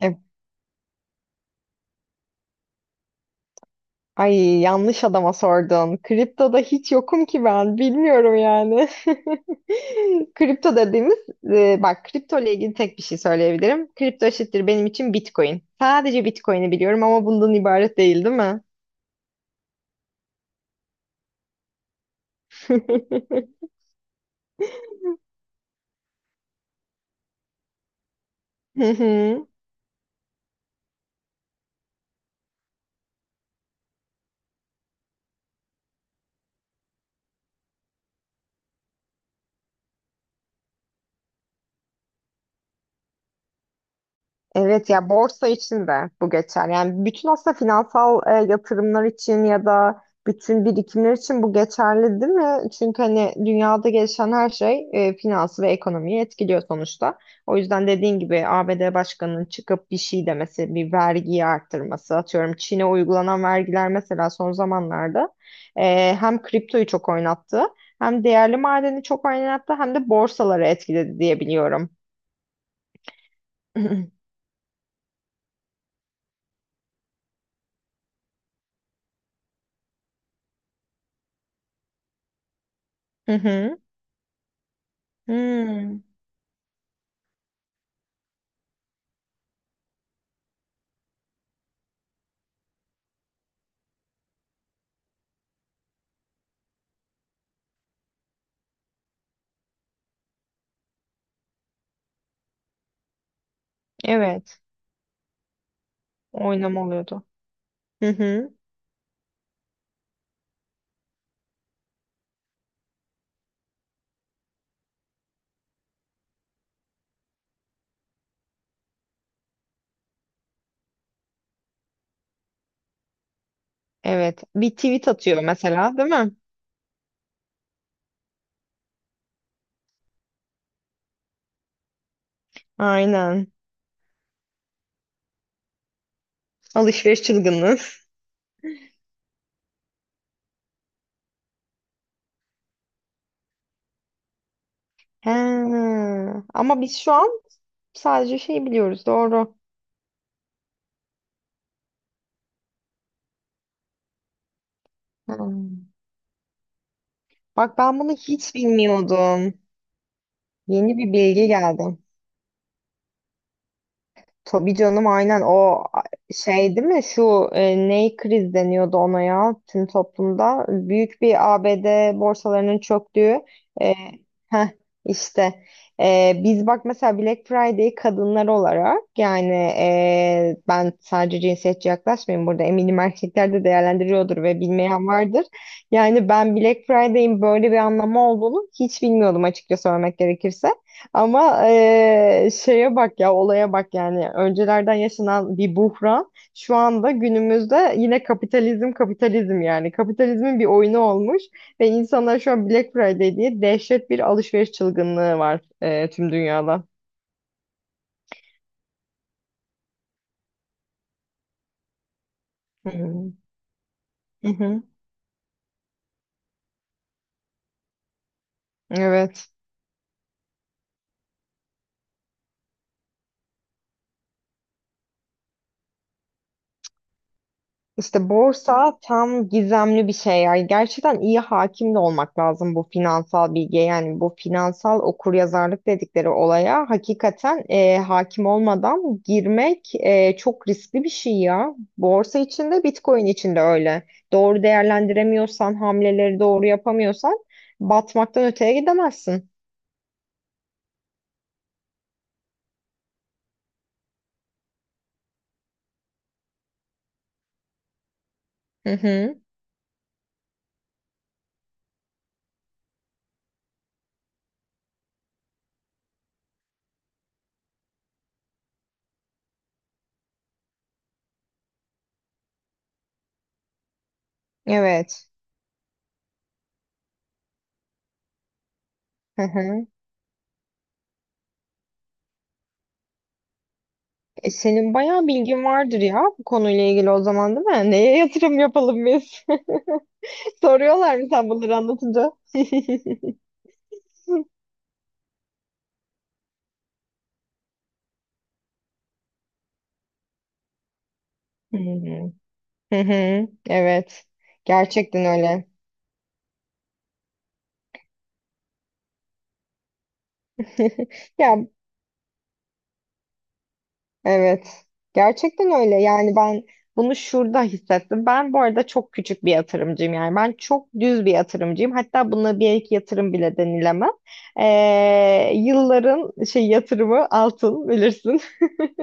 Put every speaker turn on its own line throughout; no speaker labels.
E, ay yanlış adama sordun. Kriptoda hiç yokum ki ben. Bilmiyorum yani. Kripto dediğimiz e, bak Kripto ile ilgili tek bir şey söyleyebilirim. Kripto eşittir benim için Bitcoin. Sadece Bitcoin'i biliyorum ama bundan ibaret değil, değil mi? Evet ya, borsa için de bu geçer. Yani bütün aslında finansal yatırımlar için ya da bütün birikimler için bu geçerli değil mi? Çünkü hani dünyada gelişen her şey finansı ve ekonomiyi etkiliyor sonuçta. O yüzden dediğin gibi ABD Başkanı'nın çıkıp bir şey demesi, bir vergiyi arttırması, atıyorum Çin'e uygulanan vergiler mesela son zamanlarda hem kriptoyu çok oynattı, hem değerli madeni çok oynattı, hem de borsaları etkiledi diye biliyorum. Hı hı. Hmm. Evet. Oynama oluyordu. Hı hı. Evet. Bir tweet atıyor mesela, değil mi? Aynen. Alışveriş çılgınlığı. He. Ama biz şu an sadece şey biliyoruz. Doğru. Hmm. Bak ben bunu hiç bilmiyordum. Yeni bir bilgi geldi. Tabii canım, aynen o şey değil mi şu ney kriz deniyordu ona ya, tüm toplumda büyük bir ABD borsalarının çöktüğü e, heh, işte Biz bak mesela Black Friday kadınlar olarak yani, ben sadece cinsiyetçi yaklaşmayayım burada, eminim erkekler de değerlendiriyordur ve bilmeyen vardır. Yani ben Black Friday'in böyle bir anlamı olduğunu hiç bilmiyordum, açıkça söylemek gerekirse. Ama şeye bak ya, olaya bak, yani öncelerden yaşanan bir buhran şu anda günümüzde yine kapitalizm kapitalizm, yani kapitalizmin bir oyunu olmuş ve insanlar şu an Black Friday diye dehşet bir alışveriş çılgınlığı var tüm dünyada. Hı hı. Hı hı. Evet. İşte borsa tam gizemli bir şey ya. Gerçekten iyi hakim de olmak lazım bu finansal bilgiye. Yani bu finansal okuryazarlık dedikleri olaya hakikaten hakim olmadan girmek, çok riskli bir şey ya. Borsa içinde, Bitcoin içinde öyle. Doğru değerlendiremiyorsan, hamleleri doğru yapamıyorsan batmaktan öteye gidemezsin. Hı hı. Evet. Hı hı. E, senin bayağı bilgin vardır ya bu konuyla ilgili o zaman, değil mi? Neye yatırım yapalım biz? Soruyorlar mı sen bunları anlatınca? Hı hı. Hı hı. Evet. Gerçekten öyle. Ya, evet. Gerçekten öyle. Yani ben bunu şurada hissettim. Ben bu arada çok küçük bir yatırımcıyım. Yani ben çok düz bir yatırımcıyım. Hatta buna bir iki yatırım bile denilemez. Yılların şey yatırımı altın, bilirsin.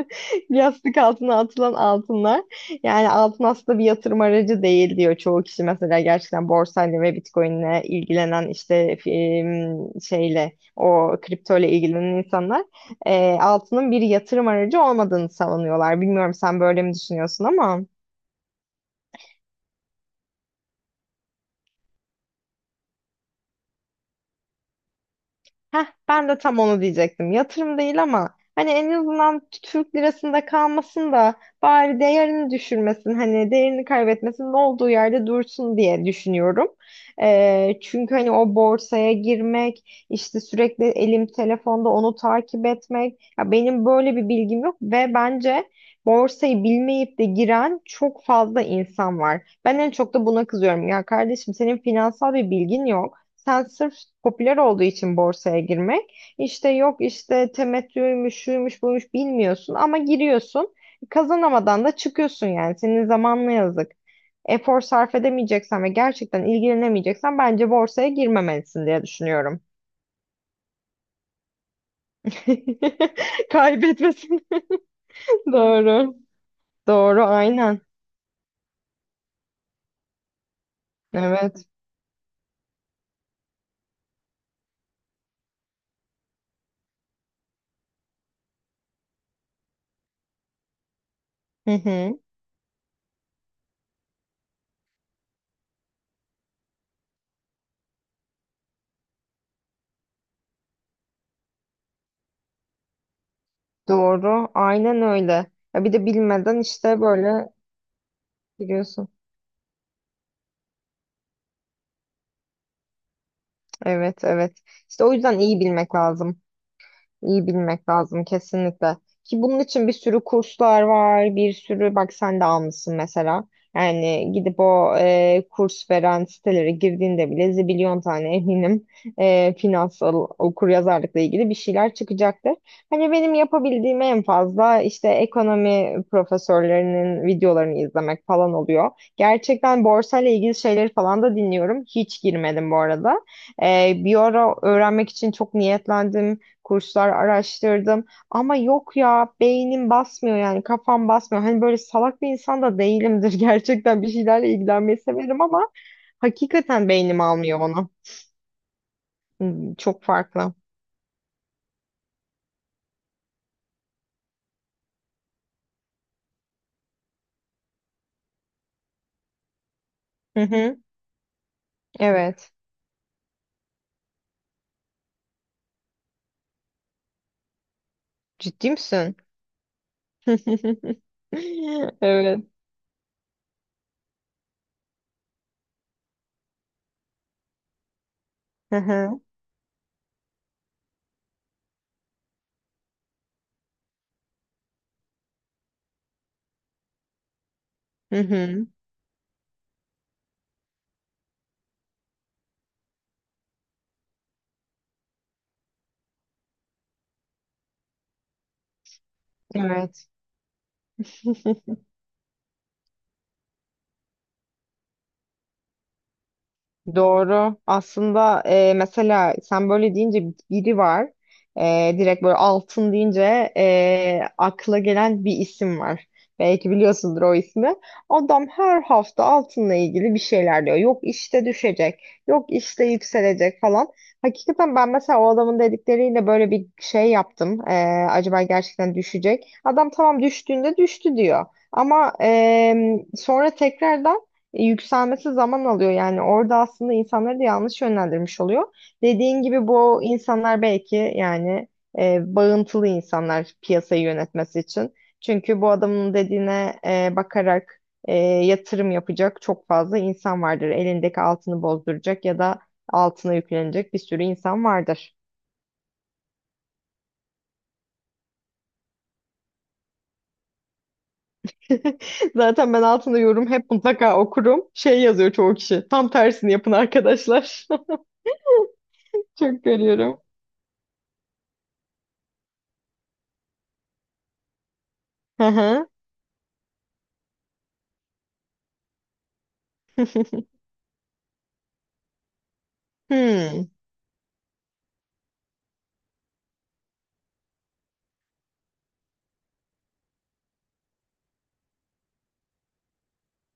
Yastık altına atılan altınlar. Yani altın aslında bir yatırım aracı değil diyor çoğu kişi. Mesela gerçekten borsayla ve Bitcoin'le ilgilenen işte şeyle o kripto ile ilgilenen insanlar, altının bir yatırım aracı olmadığını savunuyorlar. Bilmiyorum sen böyle mi düşünüyorsun ama. Heh, ben de tam onu diyecektim. Yatırım değil ama hani en azından Türk lirasında kalmasın da bari değerini düşürmesin, hani değerini kaybetmesin, olduğu yerde dursun diye düşünüyorum. Çünkü hani o borsaya girmek, işte sürekli elim telefonda onu takip etmek, ya benim böyle bir bilgim yok ve bence borsayı bilmeyip de giren çok fazla insan var. Ben en çok da buna kızıyorum. Ya kardeşim, senin finansal bir bilgin yok. Sen sırf popüler olduğu için borsaya girmek, işte yok işte temettüymüş, şuymuş, buymuş, bilmiyorsun ama giriyorsun. Kazanamadan da çıkıyorsun yani. Senin zamanına yazık. Efor sarf edemeyeceksen ve gerçekten ilgilenemeyeceksen bence borsaya girmemelisin diye düşünüyorum. Kaybetmesin. Doğru. Doğru, aynen. Evet. Hı hı. Doğru, aynen öyle. Ya bir de bilmeden işte böyle giriyorsun. Evet, evet. İşte o yüzden iyi bilmek lazım. İyi bilmek lazım kesinlikle. Ki bunun için bir sürü kurslar var, bir sürü, bak sen de almışsın mesela. Yani gidip o kurs veren sitelere girdiğinde bile zibilyon tane eminim finansal okuryazarlıkla ilgili bir şeyler çıkacaktır. Hani benim yapabildiğim en fazla işte ekonomi profesörlerinin videolarını izlemek falan oluyor. Gerçekten borsayla ilgili şeyleri falan da dinliyorum. Hiç girmedim bu arada. E, bir ara öğrenmek için çok niyetlendim, kurslar araştırdım ama yok ya, beynim basmıyor yani kafam basmıyor. Hani böyle salak bir insan da değilimdir gerçekten bir şeylerle ilgilenmeyi severim ama hakikaten beynim almıyor onu. Hmm. Çok farklı. Hı hı, evet. Ciddi misin? Evet. Hı hı. Hı hı. Evet. Doğru. Aslında mesela sen böyle deyince biri var. Direkt böyle altın deyince, akla gelen bir isim var. Belki biliyorsundur o ismi. Adam her hafta altınla ilgili bir şeyler diyor. Yok işte düşecek, yok işte yükselecek falan. Hakikaten ben mesela o adamın dedikleriyle böyle bir şey yaptım. E, acaba gerçekten düşecek? Adam tamam, düştüğünde düştü diyor. Ama sonra tekrardan yükselmesi zaman alıyor, yani orada aslında insanları da yanlış yönlendirmiş oluyor. Dediğin gibi bu insanlar belki yani, bağıntılı insanlar piyasayı yönetmesi için. Çünkü bu adamın dediğine bakarak yatırım yapacak çok fazla insan vardır. Elindeki altını bozduracak ya da altına yüklenecek bir sürü insan vardır. Zaten ben altında yorum hep mutlaka okurum. Şey yazıyor çoğu kişi: tam tersini yapın arkadaşlar. Çok görüyorum. Hı hı. Hmm.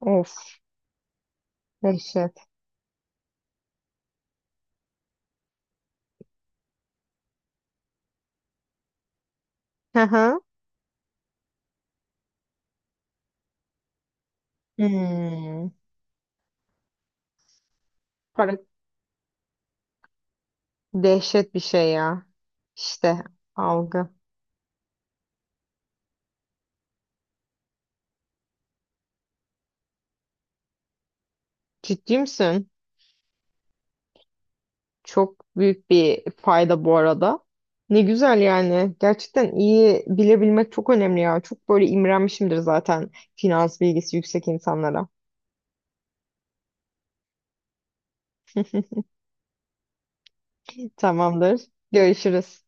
Of, dehşet. Hı hı. Hmm. Para... Dehşet bir şey ya. İşte algı. Ciddi misin? Çok büyük bir fayda bu arada. Ne güzel yani. Gerçekten iyi bilebilmek çok önemli ya. Çok böyle imrenmişimdir zaten finans bilgisi yüksek insanlara. Tamamdır. Görüşürüz.